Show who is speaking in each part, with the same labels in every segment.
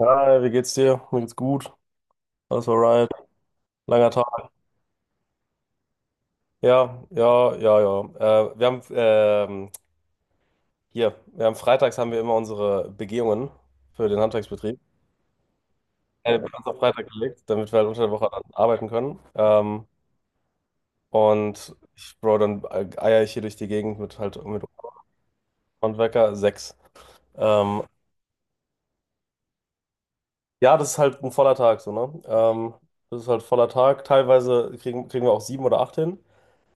Speaker 1: Hi, wie geht's dir? Mir geht's gut. Alles alright. Langer Tag. Ja, ja, ja, ja. Wir haben hier, wir haben freitags haben wir immer unsere Begehungen für den Handwerksbetrieb. Wir haben uns auf Freitag gelegt, damit wir halt unter der Woche dann arbeiten können. Und ich, Bro, dann eier ich hier durch die Gegend mit halt mit Handwerker sechs. Ähm, ja, das ist halt ein voller Tag, so, ne? Das ist halt voller Tag. Teilweise kriegen wir auch sieben oder acht hin.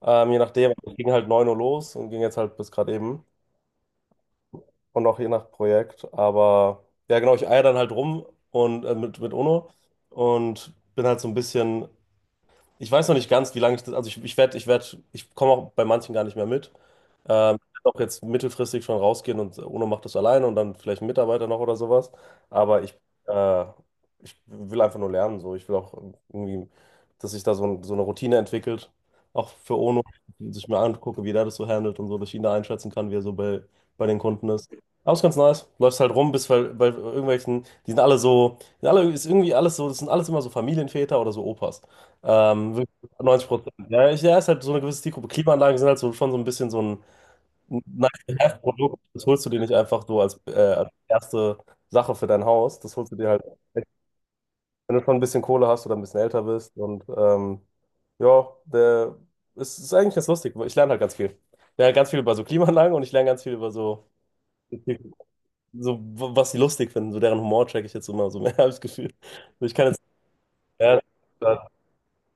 Speaker 1: Je nachdem, wir gingen halt 9 Uhr los und gingen jetzt halt bis gerade eben. Und auch je nach Projekt. Aber ja, genau, ich eier dann halt rum und mit UNO und bin halt so ein bisschen, ich weiß noch nicht ganz, wie lange ich das, also ich werde, ich komme auch bei manchen gar nicht mehr mit. Ich werd auch jetzt mittelfristig schon rausgehen und UNO macht das alleine und dann vielleicht ein Mitarbeiter noch oder sowas. Aber äh, ich will einfach nur lernen, so. Ich will auch irgendwie, dass sich da so eine Routine entwickelt, auch für UNO, dass ich mir angucke, wie der das so handelt und so, dass ich ihn da einschätzen kann, wie er so bei den Kunden ist. Aber ist ganz nice. Läufst halt rum, bis bei irgendwelchen, die sind alle so, sind alle, ist irgendwie alles so, das sind alles immer so Familienväter oder so Opas. Wirklich 90%. Ja, ja, ist halt so eine gewisse Zielgruppe. Klimaanlagen sind halt so, schon so ein bisschen so ein Nice-to-have-Produkt. Das holst du dir nicht einfach so als erste Sache für dein Haus. Das holst du dir halt, wenn du schon ein bisschen Kohle hast oder ein bisschen älter bist. Und ja, der, es ist eigentlich ganz lustig. Ich lerne halt ganz viel. Ich lerne ganz viel über so Klimaanlagen und ich lerne ganz viel über so, was die lustig finden. So deren Humor check ich jetzt immer so mehr, habe ich das Gefühl. So, ich kann jetzt. Ja,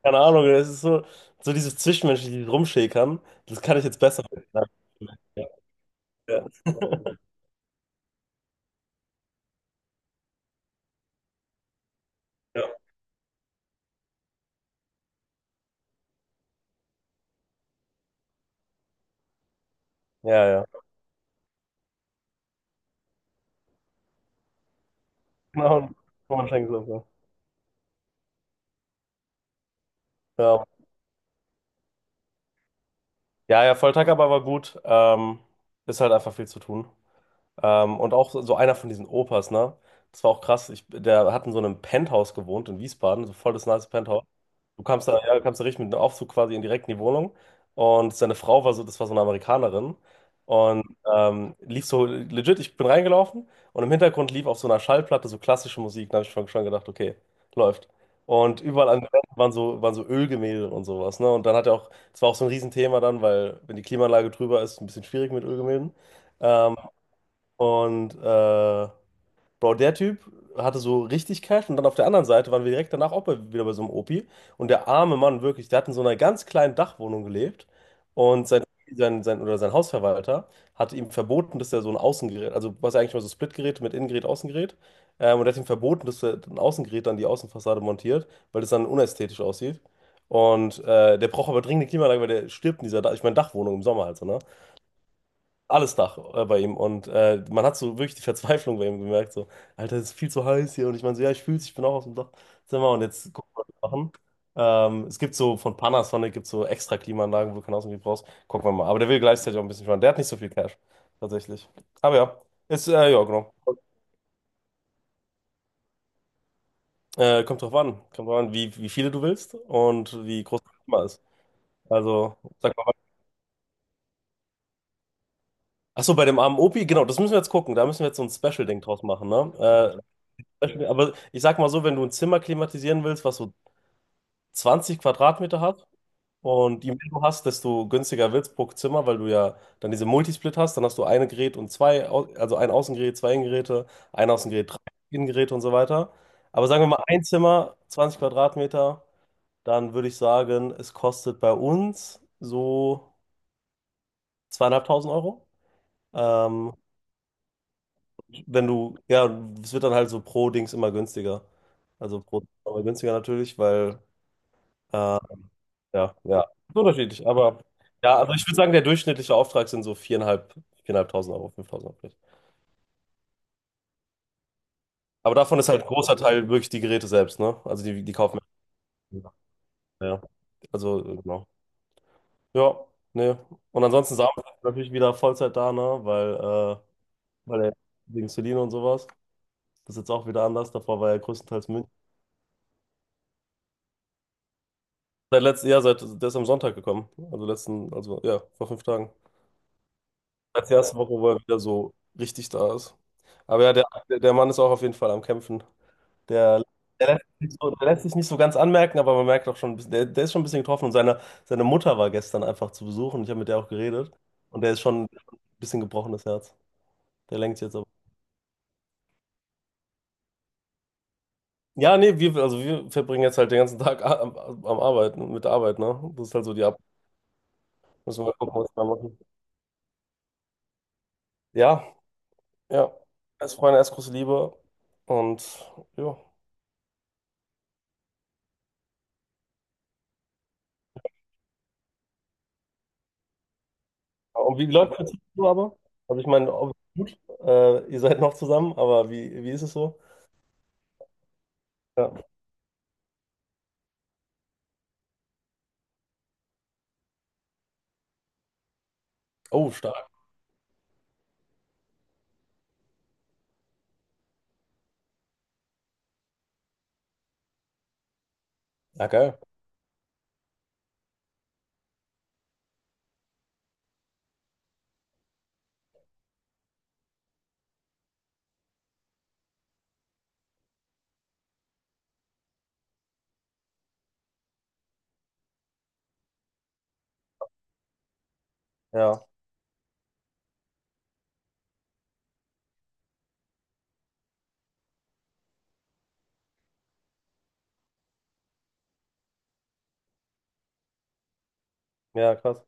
Speaker 1: keine Ahnung, es ist so dieses Zwischenmenschliche, dieses Rumschäkern, das kann ich jetzt besser. Ja, ja, ja. Ja, ja. Genau, Roman Schenk-Soße. Ja. Ja, ja, Volltag-Aber war gut. Ist halt einfach viel zu tun. Und auch so einer von diesen Opas, ne? Das war auch krass. Der hat in so einem Penthouse gewohnt in Wiesbaden, so voll das nice Penthouse. Du kamst da, ja, du kamst da richtig mit einem Aufzug quasi in direkt in die Wohnung. Und seine Frau war so, das war so eine Amerikanerin. Und lief so legit, ich bin reingelaufen und im Hintergrund lief auf so einer Schallplatte so klassische Musik. Da habe ich schon gedacht, okay, läuft. Und überall an den Wänden waren so Ölgemälde und sowas. Ne? Und dann hat er auch, das war auch so ein Riesenthema dann, weil wenn die Klimaanlage drüber ist, ein bisschen schwierig mit Ölgemälden. Ähm, und Bro, der Typ hatte so richtig Cash und dann auf der anderen Seite waren wir direkt danach auch bei, wieder bei so einem Opi. Und der arme Mann, wirklich, der hat in so einer ganz kleinen Dachwohnung gelebt und oder sein Hausverwalter hat ihm verboten, dass er so ein Außengerät, also was eigentlich mal so Splitgerät mit Innengerät, Außengerät, und er hat ihm verboten, dass er ein Außengerät an die Außenfassade montiert, weil das dann unästhetisch aussieht. Und der braucht aber dringend eine Klimaanlage, weil der stirbt in dieser, ich meine, Dachwohnung im Sommer halt so, ne? Alles Dach bei ihm. Und man hat so wirklich die Verzweiflung bei ihm gemerkt, so, Alter, es ist viel zu heiß hier. Und ich meine so, ja, ich fühl's, ich bin auch aus dem Dachzimmer und jetzt gucken wir, was wir machen. Es gibt so von Panasonic gibt so extra Klimaanlagen, wo du keinen Außengebiet brauchst. Gucken wir mal. Aber der will gleichzeitig auch ein bisschen sparen. Der hat nicht so viel Cash, tatsächlich. Aber ja, ja, genau. Kommt drauf an. Kommt drauf an, wie viele du willst und wie groß das Klima ist. Also, sag mal. Achso, bei dem armen Opi, genau, das müssen wir jetzt gucken. Da müssen wir jetzt so ein Special-Ding draus machen, ne? Beispiel, aber ich sag mal so, wenn du ein Zimmer klimatisieren willst, was so 20 Quadratmeter hat, und je mehr du hast, desto günstiger wird's pro Zimmer, weil du ja dann diese Multisplit hast, dann hast du ein Gerät und zwei, also ein Außengerät, zwei Innengeräte, ein Außengerät, drei Innengeräte und so weiter. Aber sagen wir mal ein Zimmer, 20 Quadratmeter, dann würde ich sagen, es kostet bei uns so zweieinhalbtausend Euro. Ähm, wenn du, ja, es wird dann halt so pro Dings immer günstiger. Also pro, aber günstiger natürlich, weil Äh, ja, ja. Ist unterschiedlich, aber ja, also ich würde sagen, der durchschnittliche Auftrag sind so viereinhalb, viereinhalbtausend Euro, 5.000 Euro. Aber davon ist halt ein großer Teil wirklich die Geräte selbst, ne? Also die, die kaufen wir. Ja. Also, genau. Ja, ne. Und ansonsten Samuel ist natürlich wieder Vollzeit da, ne? Äh, weil er wegen Celine und sowas. Das ist jetzt auch wieder anders. Davor war er größtenteils in München. Seit letztem Jahr, seit, der ist am Sonntag gekommen. Also letzten, also ja, vor 5 Tagen. Als die erste Woche, wo er wieder so richtig da ist. Aber ja, der, Mann ist auch auf jeden Fall am Kämpfen. Der, der lässt sich nicht so, der lässt sich nicht so ganz anmerken, aber man merkt auch schon, der, der ist schon ein bisschen getroffen. Und seine Mutter war gestern einfach zu Besuch und ich habe mit der auch geredet. Und der ist schon ein bisschen gebrochenes Herz. Der lenkt jetzt aber. Ja, nee, wir, also wir verbringen jetzt halt den ganzen Tag am Arbeiten, mit der Arbeit, ne? Das ist halt so die Ab. Müssen wir mal gucken, was wir machen. Ja, ja. Als Freunde, als große Liebe. Und ja. Und wie läuft es so aber? Also ich meine, gut, ihr seid noch zusammen, aber wie ist es so? Ja. Oh, stark. Ja, geil. Ja, ja, krass.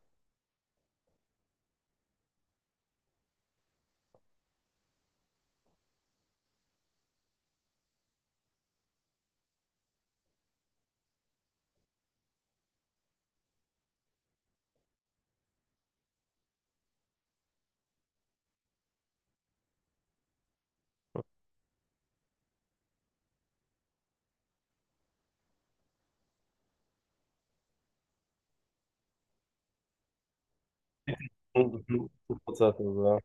Speaker 1: Mhm, mhm. Prozess, also, ja.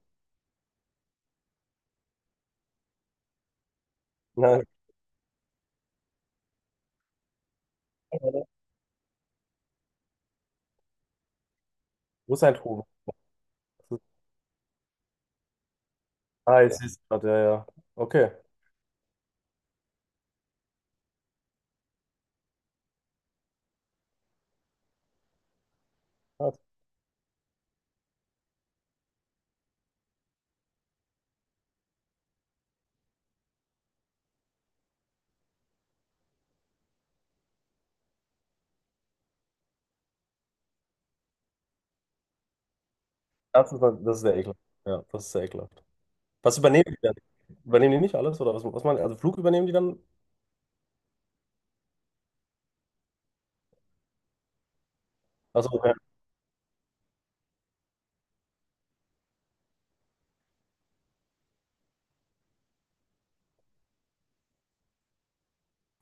Speaker 1: Na, wo ist ein Trubel? Ah, jetzt siehst du gerade, ja, ja. Okay. Krass. Das ist sehr ekelhaft. Ja, das ist sehr ekelhaft. Was übernehmen die dann? Übernehmen die nicht alles? Oder was, man, also Flug übernehmen die dann? Achso, okay.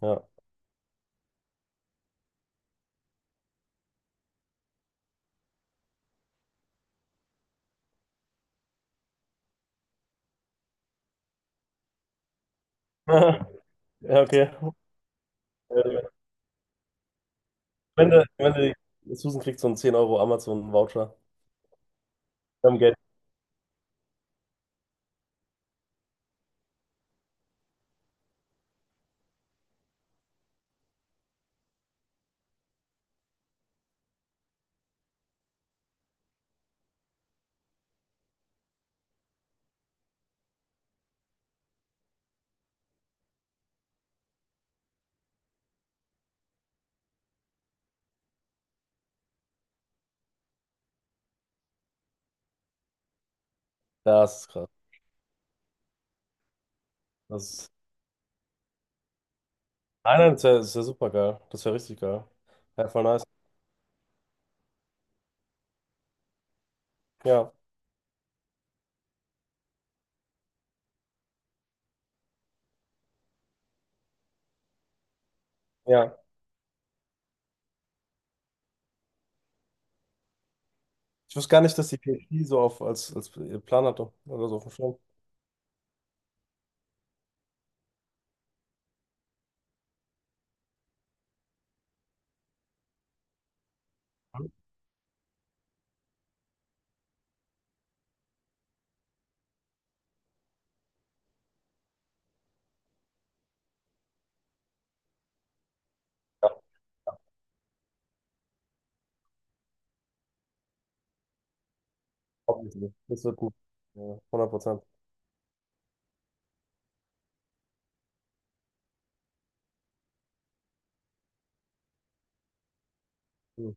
Speaker 1: Ja. Ja, okay. Äh, Wenn du, wenn du, Susan kriegt so einen 10 € Amazon-Voucher. Am Geld. Das ist krass. Das Nein, nein, das wär super geil. Das wäre richtig geil. Ja, voll nice. Ja, ja. Ich wusste gar nicht, dass die PSP so als Plan hatte oder so auf dem Schirm. Ja, obviously. Das wird gut. Ja, 100%. Mhm.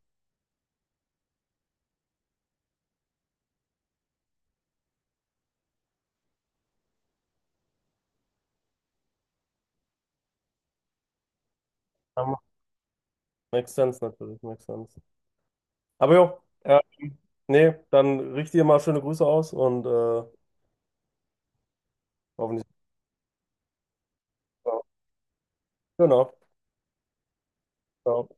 Speaker 1: Ja, makes sense natürlich, makes sense. Aber jo, nee, dann richte dir mal schöne Grüße aus und hoffentlich. Genau. Ciao.